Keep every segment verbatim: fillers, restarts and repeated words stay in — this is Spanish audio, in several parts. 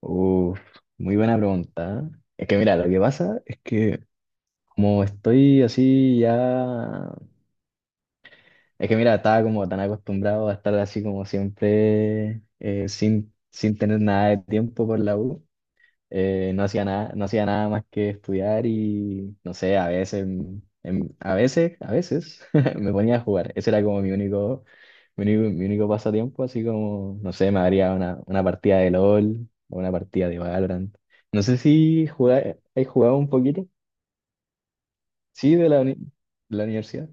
Uf, muy buena pregunta. ¿Eh? Es que mira, lo que pasa es que como estoy así ya... Es que mira, estaba como tan acostumbrado a estar así como siempre eh, sin, sin tener nada de tiempo por la U. Eh, no hacía nada, no hacía nada más que estudiar y no sé, a veces, mm, em, a veces, a veces me ponía a jugar. Ese era como mi único mi único, mi único pasatiempo, así como, no sé, me daría una, una partida de LOL o una partida de Valorant. No sé si jugáis, ¿hay jugado un poquito? Sí, de la, uni- de la universidad.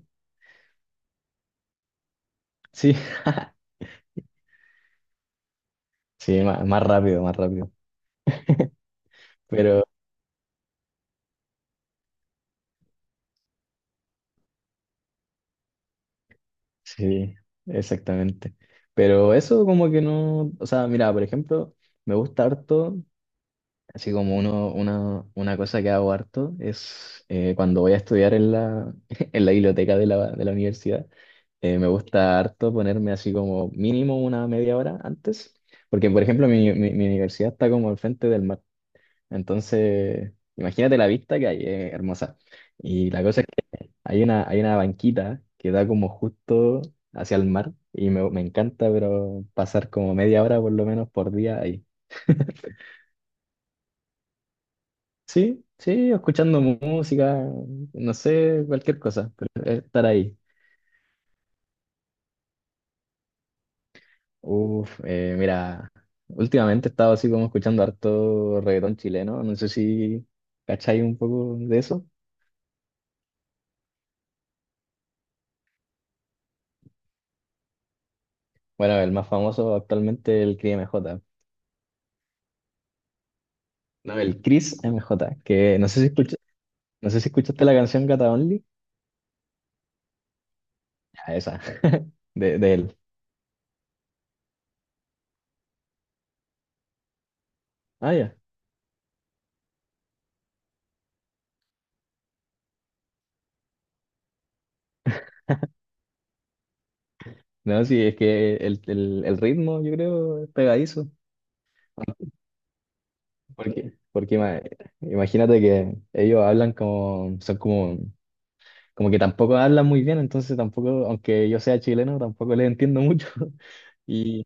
Sí, sí, más, más rápido, más rápido. Pero sí, exactamente. Pero eso como que no, o sea, mira, por ejemplo, me gusta harto. Así como uno, una, una cosa que hago harto es eh, cuando voy a estudiar en la, en la biblioteca de la, de la universidad. Eh, me gusta harto ponerme así como mínimo una media hora antes, porque por ejemplo mi, mi, mi universidad está como al frente del mar, entonces imagínate la vista que hay, es hermosa. Y la cosa es que hay una, hay una banquita que da como justo hacia el mar y me, me encanta, pero pasar como media hora por lo menos por día ahí. Sí, sí, escuchando música, no sé, cualquier cosa, pero estar ahí. Uf, eh, mira, últimamente he estado así como escuchando harto reggaetón chileno, no sé si cacháis un poco de eso. Bueno, el más famoso actualmente el Cris M J. No, el Cris M J, que no sé si escucha- no sé si escuchaste la canción Gata Only. Ah, esa, de, de él. Ah, ya. No, sí, es que el, el, el ritmo yo creo es pegadizo. Porque, porque ima- Imagínate que ellos hablan como, son como, como que tampoco hablan muy bien, entonces tampoco, aunque yo sea chileno, tampoco les entiendo mucho. Y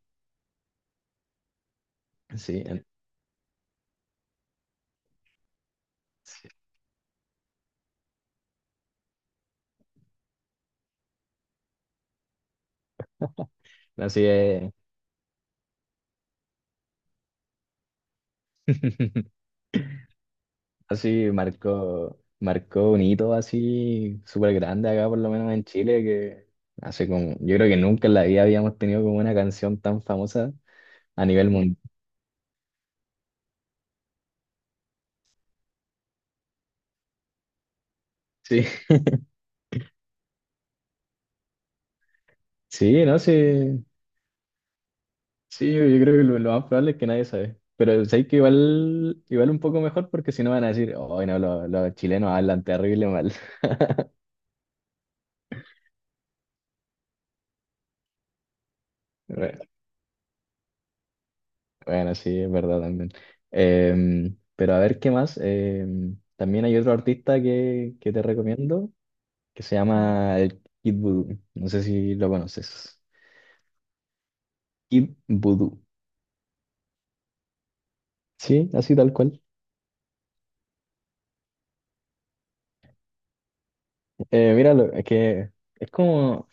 sí, en- sí, así es, así marcó, marcó un hito así súper grande acá, por lo menos en Chile, que hace como, yo creo que nunca en la vida habíamos tenido como una canción tan famosa a nivel mundial. Sí, sí, no sé. Sí, yo, yo creo que lo, lo más probable es que nadie sabe. Pero sé que igual, igual un poco mejor porque si no van a decir, oh, no, lo- los chilenos hablan terrible mal. Bueno, bueno, sí, es verdad también. Em, pero a ver qué más. Em, también hay otro artista que, que te recomiendo que se llama el Kid Voodoo. No sé si lo conoces. Kid Voodoo. Sí, así tal cual. Eh, míralo, es que es como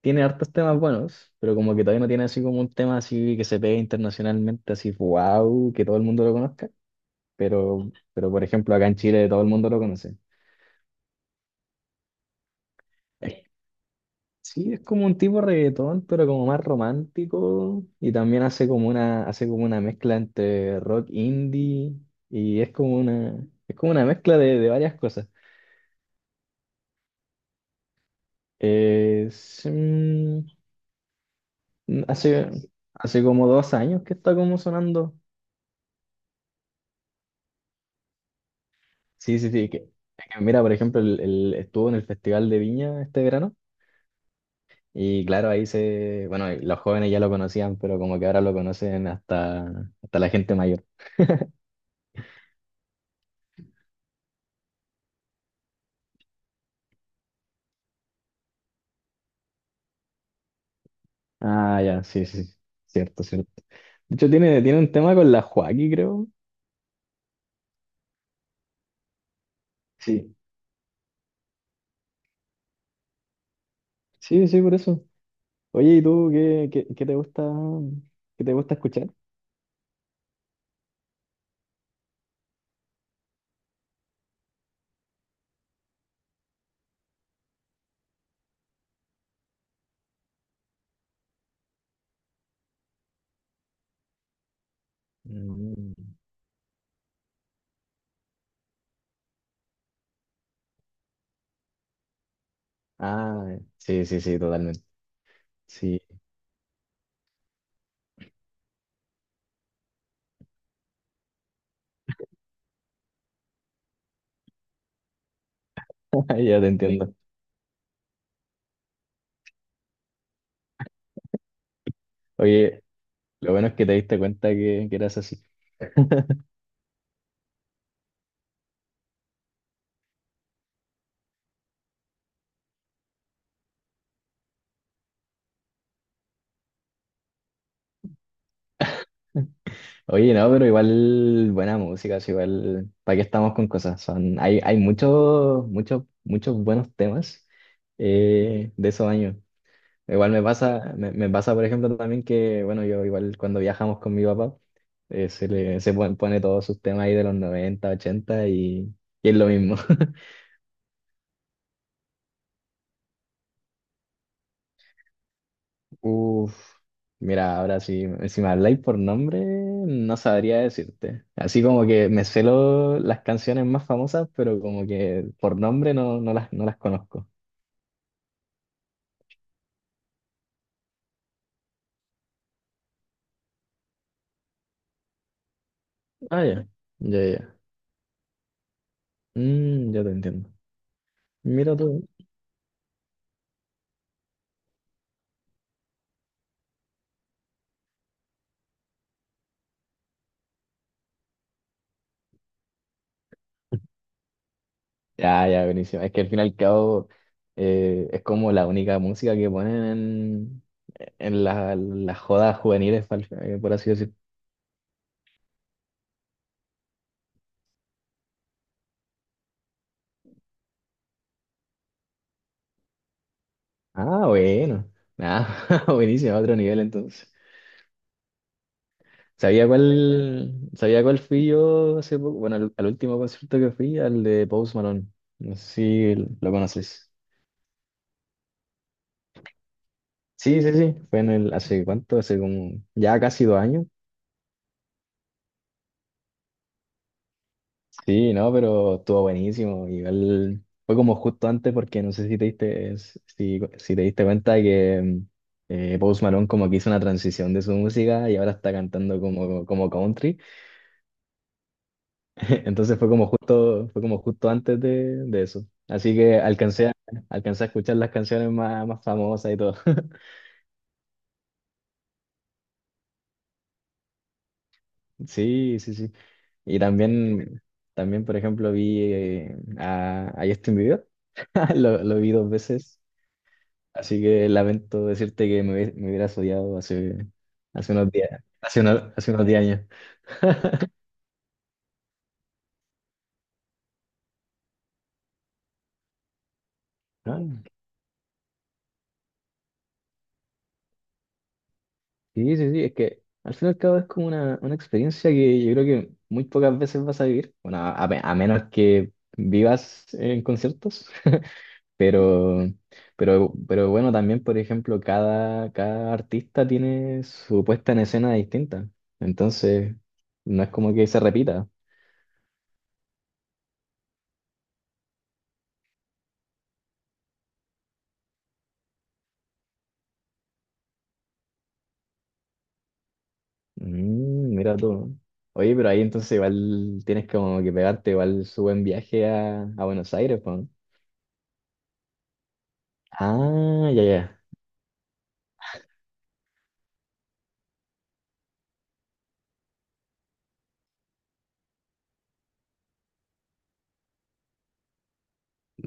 tiene hartos temas buenos, pero como que todavía no tiene así como un tema así que se pegue internacionalmente, así wow, que todo el mundo lo conozca. Pero, pero por ejemplo, acá en Chile todo el mundo lo conoce. Es- Sí, es como un tipo reggaetón, pero como más romántico. Y también hace como una, hace como una mezcla entre rock indie y es como una, es como una mezcla de, de varias cosas. Es, mm, Hace, hace como dos años que está como sonando. Sí, sí, sí, que- que mira, por ejemplo, el, el- estuvo en el Festival de Viña este verano y claro, ahí se, bueno, y los jóvenes ya lo conocían, pero como que ahora lo conocen hasta, hasta la gente mayor. Ah, ya, sí, sí, sí, cierto, cierto. De hecho, tiene, tiene un tema con la Joaquí, creo. Sí. Sí, sí, por eso. Oye, ¿y tú qué, qué, qué te gusta, qué te gusta escuchar? Mm. Ah, sí, sí, sí, totalmente. Sí, ya te entiendo. Oye, lo bueno es que te diste cuenta que, que eras así. Oye, no, pero igual buena música, sí, igual, ¿para qué estamos con cosas? Son, hay hay muchos, muchos, muchos buenos temas eh, de esos años. Igual me pasa, me, me pasa, por ejemplo, también que, bueno, yo igual cuando viajamos con mi papá, eh, se le, se pon- pone todos sus temas ahí de los noventa ochenta y, y es lo mismo. Uf, Mira, ahora sí, si me habláis por nombre, no sabría decirte. Así como que me sé lo- las canciones más famosas, pero como que por nombre no, no las, no las conozco. Ah, ya, ya, ya. Mm, ya te entiendo. Mira tú. Ya, ya, buenísimo. Es que al fin y al cabo eh, es como la única música que ponen en, en la- las jodas juveniles, pal- eh, por así decir. Ah, bueno. Ah, buenísimo, otro nivel entonces. ¿Sabía cuál, sabía cuál fui yo hace poco? Bueno, al, al último concierto que fui, al de Post Malone. No sé si lo conoces. Sí, sí, sí. Fue en el, hace cuánto, hace como, ya casi dos años. Sí, no, pero estuvo buenísimo. Igual fue como justo antes porque no sé si te diste, si, si te diste cuenta que eh, Post Malone como que hizo una transición de su música y ahora está cantando como, como country. Entonces fue como justo, fue como justo antes de, de eso. Así que alcancé a, alcancé a escuchar las canciones más, más famosas y todo. Sí, sí, sí. Y también, también por ejemplo, vi eh, a, a Justin Bieber. Lo, lo vi dos veces. Así que lamento decirte que me, hubie- me hubieras odiado hace, hace unos días, hace, unos hace unos diez años. Ah. Sí, sí, sí, es que al fin y al cabo es como una, una experiencia que yo creo que muy pocas veces vas a vivir, bueno, a, me- a menos que vivas en conciertos, pero, pero, pero bueno, también, por ejemplo, cada, cada artista tiene su puesta en escena distinta, entonces no es como que se repita. Mm, mira tú. Oye, pero ahí entonces igual tienes como que pegarte igual su buen viaje a, a Buenos Aires, po, ¿no? Ah, ya, ya.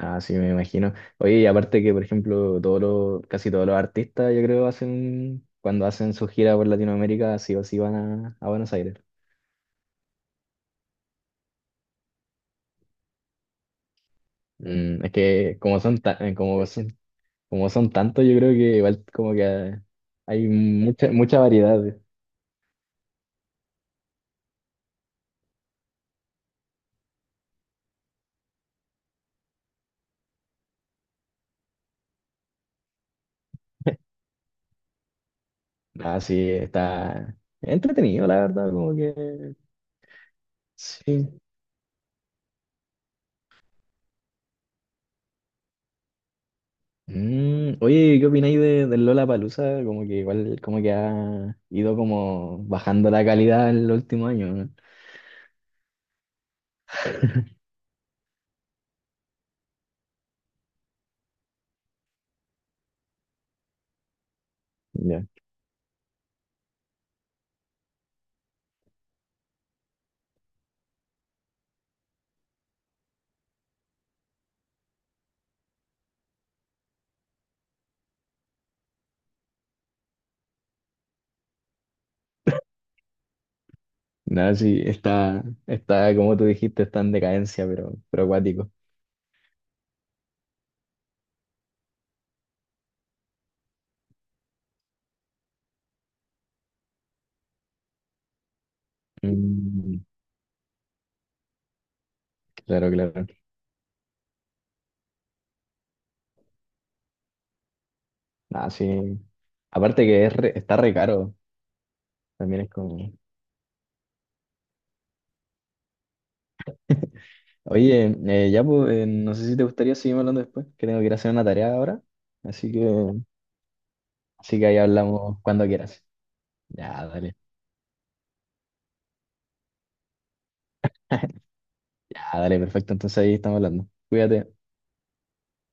Ah, sí, me imagino. Oye, y aparte que, por ejemplo, todos los, casi todos los artistas, yo creo, hacen, cuando hacen su gira por Latinoamérica, sí o sí van a, a Buenos Aires. Mm, es que como son, ta- eh, como son, como son tantos, yo creo que igual como que eh, hay mucha, mucha variedad. Ah, sí, está entretenido, la verdad, como que sí. Mm, oye, ¿qué opináis de, del Lollapalooza? Como que igual, como que ha ido como bajando la calidad en los últimos años, ¿no? Nada, sí, está, está, como tú dijiste, está en decadencia, pero, pero acuático. Mm, claro, claro. Nada, sí. Aparte que es re- está re caro, también es como... Oye, eh, ya, pues, eh, no sé si te gustaría seguir hablando después, que tengo que ir a hacer una tarea ahora. Así que, así que ahí hablamos cuando quieras. Ya, dale. Ya, dale, perfecto. Entonces ahí estamos hablando. Cuídate.